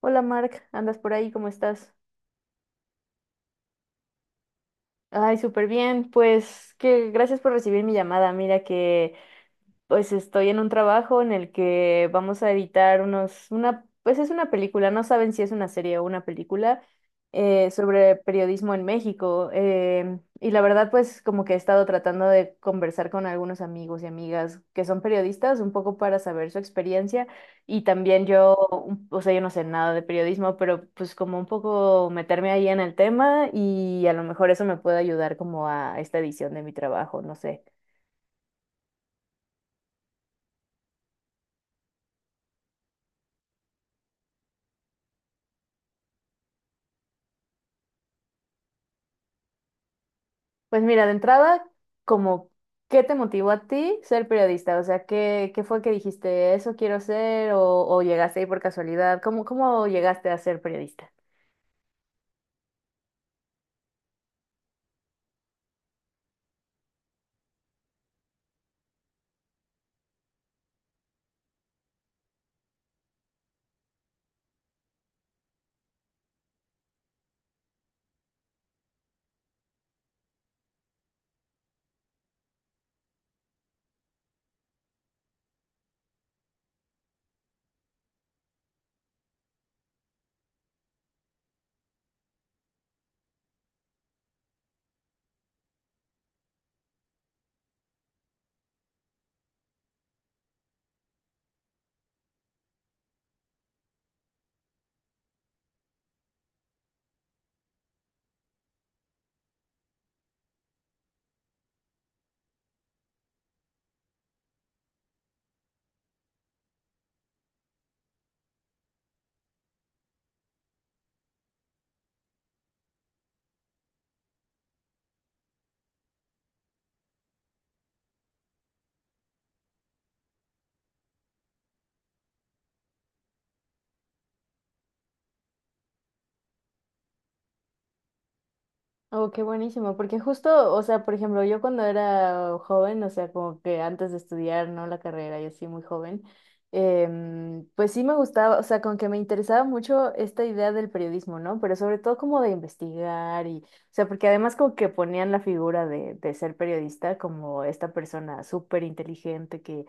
Hola Mark, ¿andas por ahí? ¿Cómo estás? Ay, súper bien. Pues que gracias por recibir mi llamada. Mira que pues estoy en un trabajo en el que vamos a editar pues es una película, no saben si es una serie o una película sobre periodismo en México. Y la verdad, pues como que he estado tratando de conversar con algunos amigos y amigas que son periodistas, un poco para saber su experiencia. Y también yo, yo no sé nada de periodismo, pero pues como un poco meterme ahí en el tema y a lo mejor eso me puede ayudar como a esta edición de mi trabajo, no sé. Pues mira, de entrada, como, ¿qué te motivó a ti ser periodista? O sea, ¿qué fue que dijiste, eso quiero ser? O llegaste ahí por casualidad? ¿Cómo llegaste a ser periodista? Oh, qué buenísimo, porque justo, o sea, por ejemplo, yo cuando era joven, o sea, como que antes de estudiar, ¿no? La carrera, yo sí muy joven, pues sí me gustaba, o sea, con que me interesaba mucho esta idea del periodismo, ¿no? Pero sobre todo como de investigar porque además como que ponían la figura de ser periodista como esta persona súper inteligente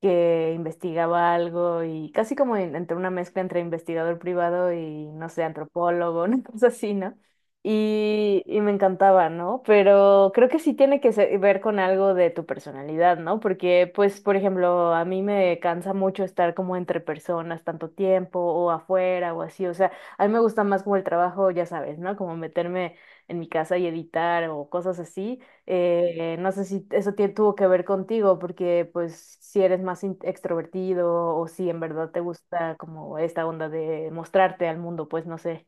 que investigaba algo y casi como entre una mezcla entre investigador privado y, no sé, antropólogo, una cosa así, ¿no? Y, y me encantaba, ¿no? Pero creo que sí tiene que ver con algo de tu personalidad, ¿no? Porque, pues, por ejemplo, a mí me cansa mucho estar como entre personas tanto tiempo o afuera o así, o sea, a mí me gusta más como el trabajo, ya sabes, ¿no? Como meterme en mi casa y editar o cosas así. No sé si eso tuvo que ver contigo, porque, pues, si eres más extrovertido o si en verdad te gusta como esta onda de mostrarte al mundo, pues, no sé.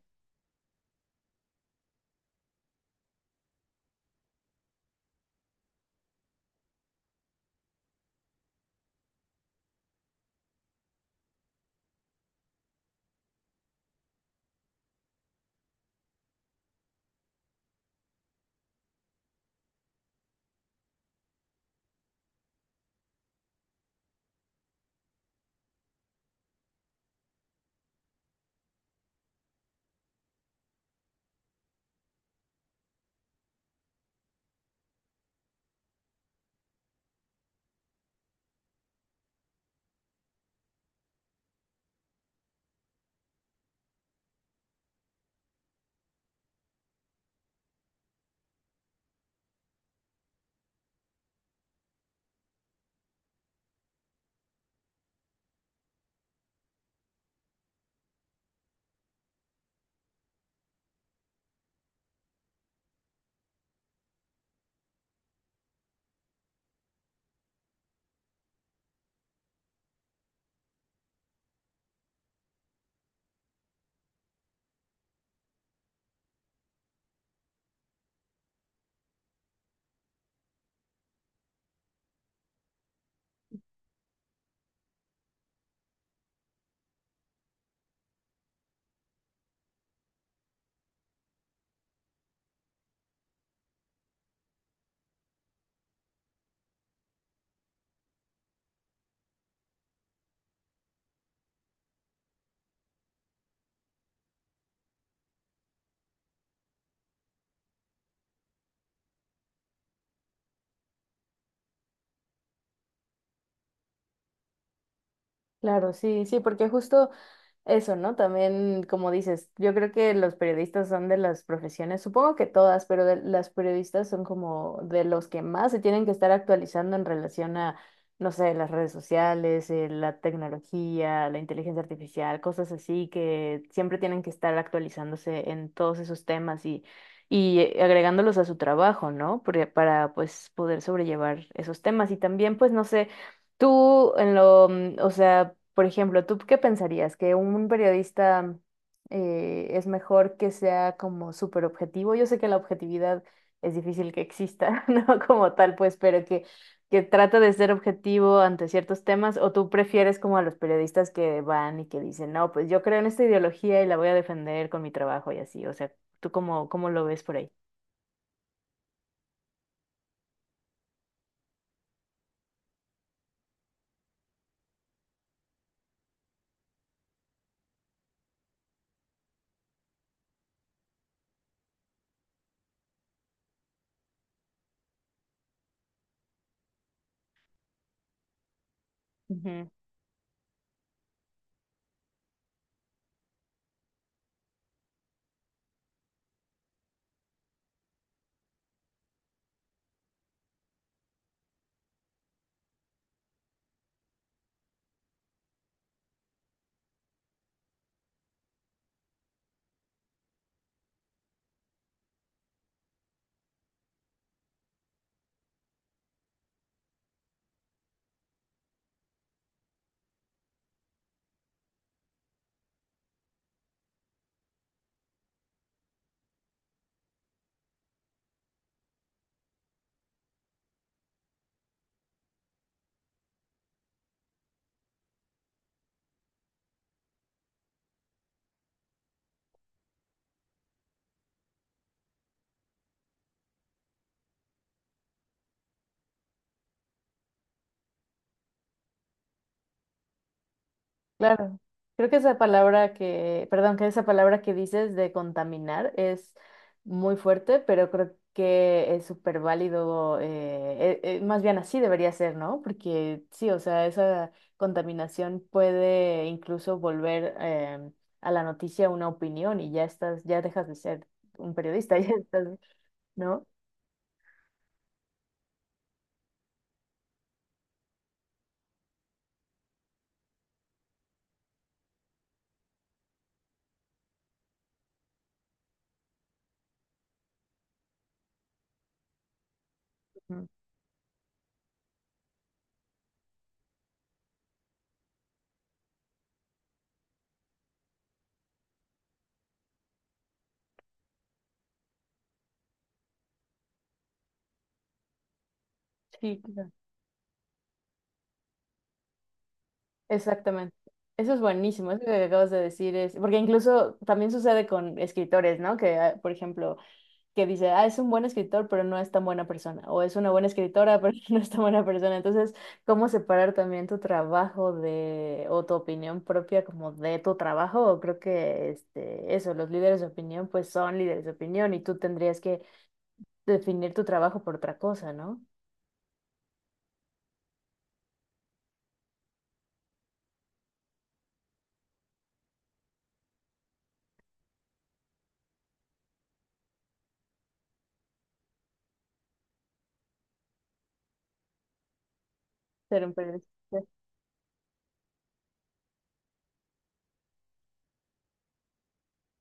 Claro, sí, sí, porque justo eso, ¿no? También, como dices, yo creo que los periodistas son de las profesiones, supongo que todas, pero de, las periodistas son como de los que más se tienen que estar actualizando en relación a, no sé, las redes sociales, la tecnología, la inteligencia artificial, cosas así que siempre tienen que estar actualizándose en todos esos temas y, y agregándolos a su trabajo, ¿no? Porque- para, pues, poder sobrellevar esos temas y también, pues, no sé, tú en lo, o sea por ejemplo, ¿tú qué pensarías? ¿Que un periodista es mejor que sea como súper objetivo? Yo sé que la objetividad es difícil que exista, ¿no? Como tal, pues, pero que trata de ser objetivo ante ciertos temas, ¿o tú prefieres como a los periodistas que van y que dicen, no, pues yo creo en esta ideología y la voy a defender con mi trabajo y así? O sea, ¿tú cómo lo ves por ahí? Claro, creo que esa palabra que, perdón, que esa palabra que dices de contaminar es muy fuerte, pero creo que es súper válido, más bien así debería ser, ¿no? Porque sí, o sea, esa contaminación puede incluso volver a la noticia una opinión y ya estás, ya dejas de ser un periodista, ya estás, ¿no? Ujú. Sí, claro. Exactamente. Eso es buenísimo, eso que acabas de decir es, porque incluso también sucede con escritores, ¿no? Que, ah, por ejemplo, que dice, ah, es un buen escritor, pero no es tan buena persona, o es una buena escritora, pero no es tan buena persona. Entonces, ¿cómo separar también tu trabajo de, o tu opinión propia como de tu trabajo? Creo que, este, eso, los líderes de opinión, pues son líderes de opinión y tú tendrías que definir tu trabajo por otra cosa, ¿no? Ser un periodista.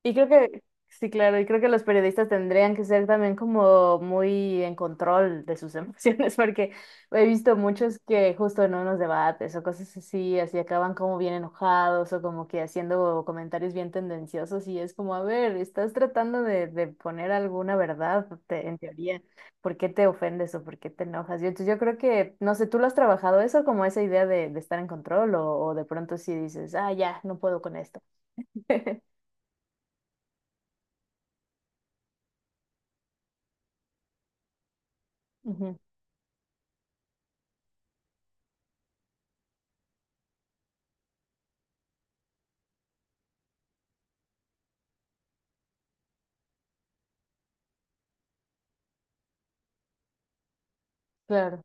Y creo que, sí, claro, y creo que los periodistas tendrían que ser también como muy en control de sus emociones, porque he visto muchos que justo en unos debates o cosas así, así acaban como bien enojados o como que haciendo comentarios bien tendenciosos y es como, a ver, estás tratando de poner alguna verdad en teoría, ¿por qué te ofendes o por qué te enojas? Yo, entonces yo creo que, no sé, ¿tú lo has trabajado eso como esa idea de estar en control o de pronto sí dices, ah, ya, no puedo con esto? Ujú, claro.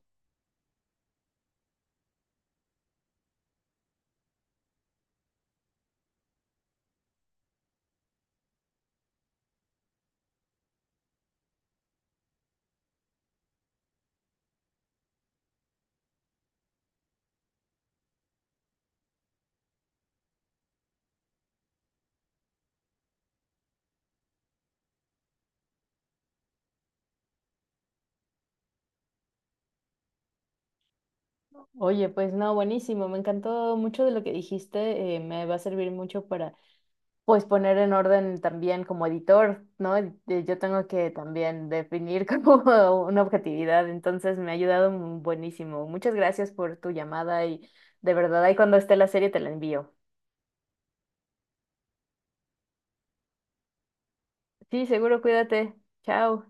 Oye, pues no, buenísimo, me encantó mucho de lo que dijiste, me va a servir mucho para pues poner en orden también como editor, ¿no? Y yo tengo que también definir como una objetividad, entonces me ha ayudado buenísimo. Muchas gracias por tu llamada y de verdad ahí cuando esté la serie te la envío. Sí, seguro, cuídate. Chao.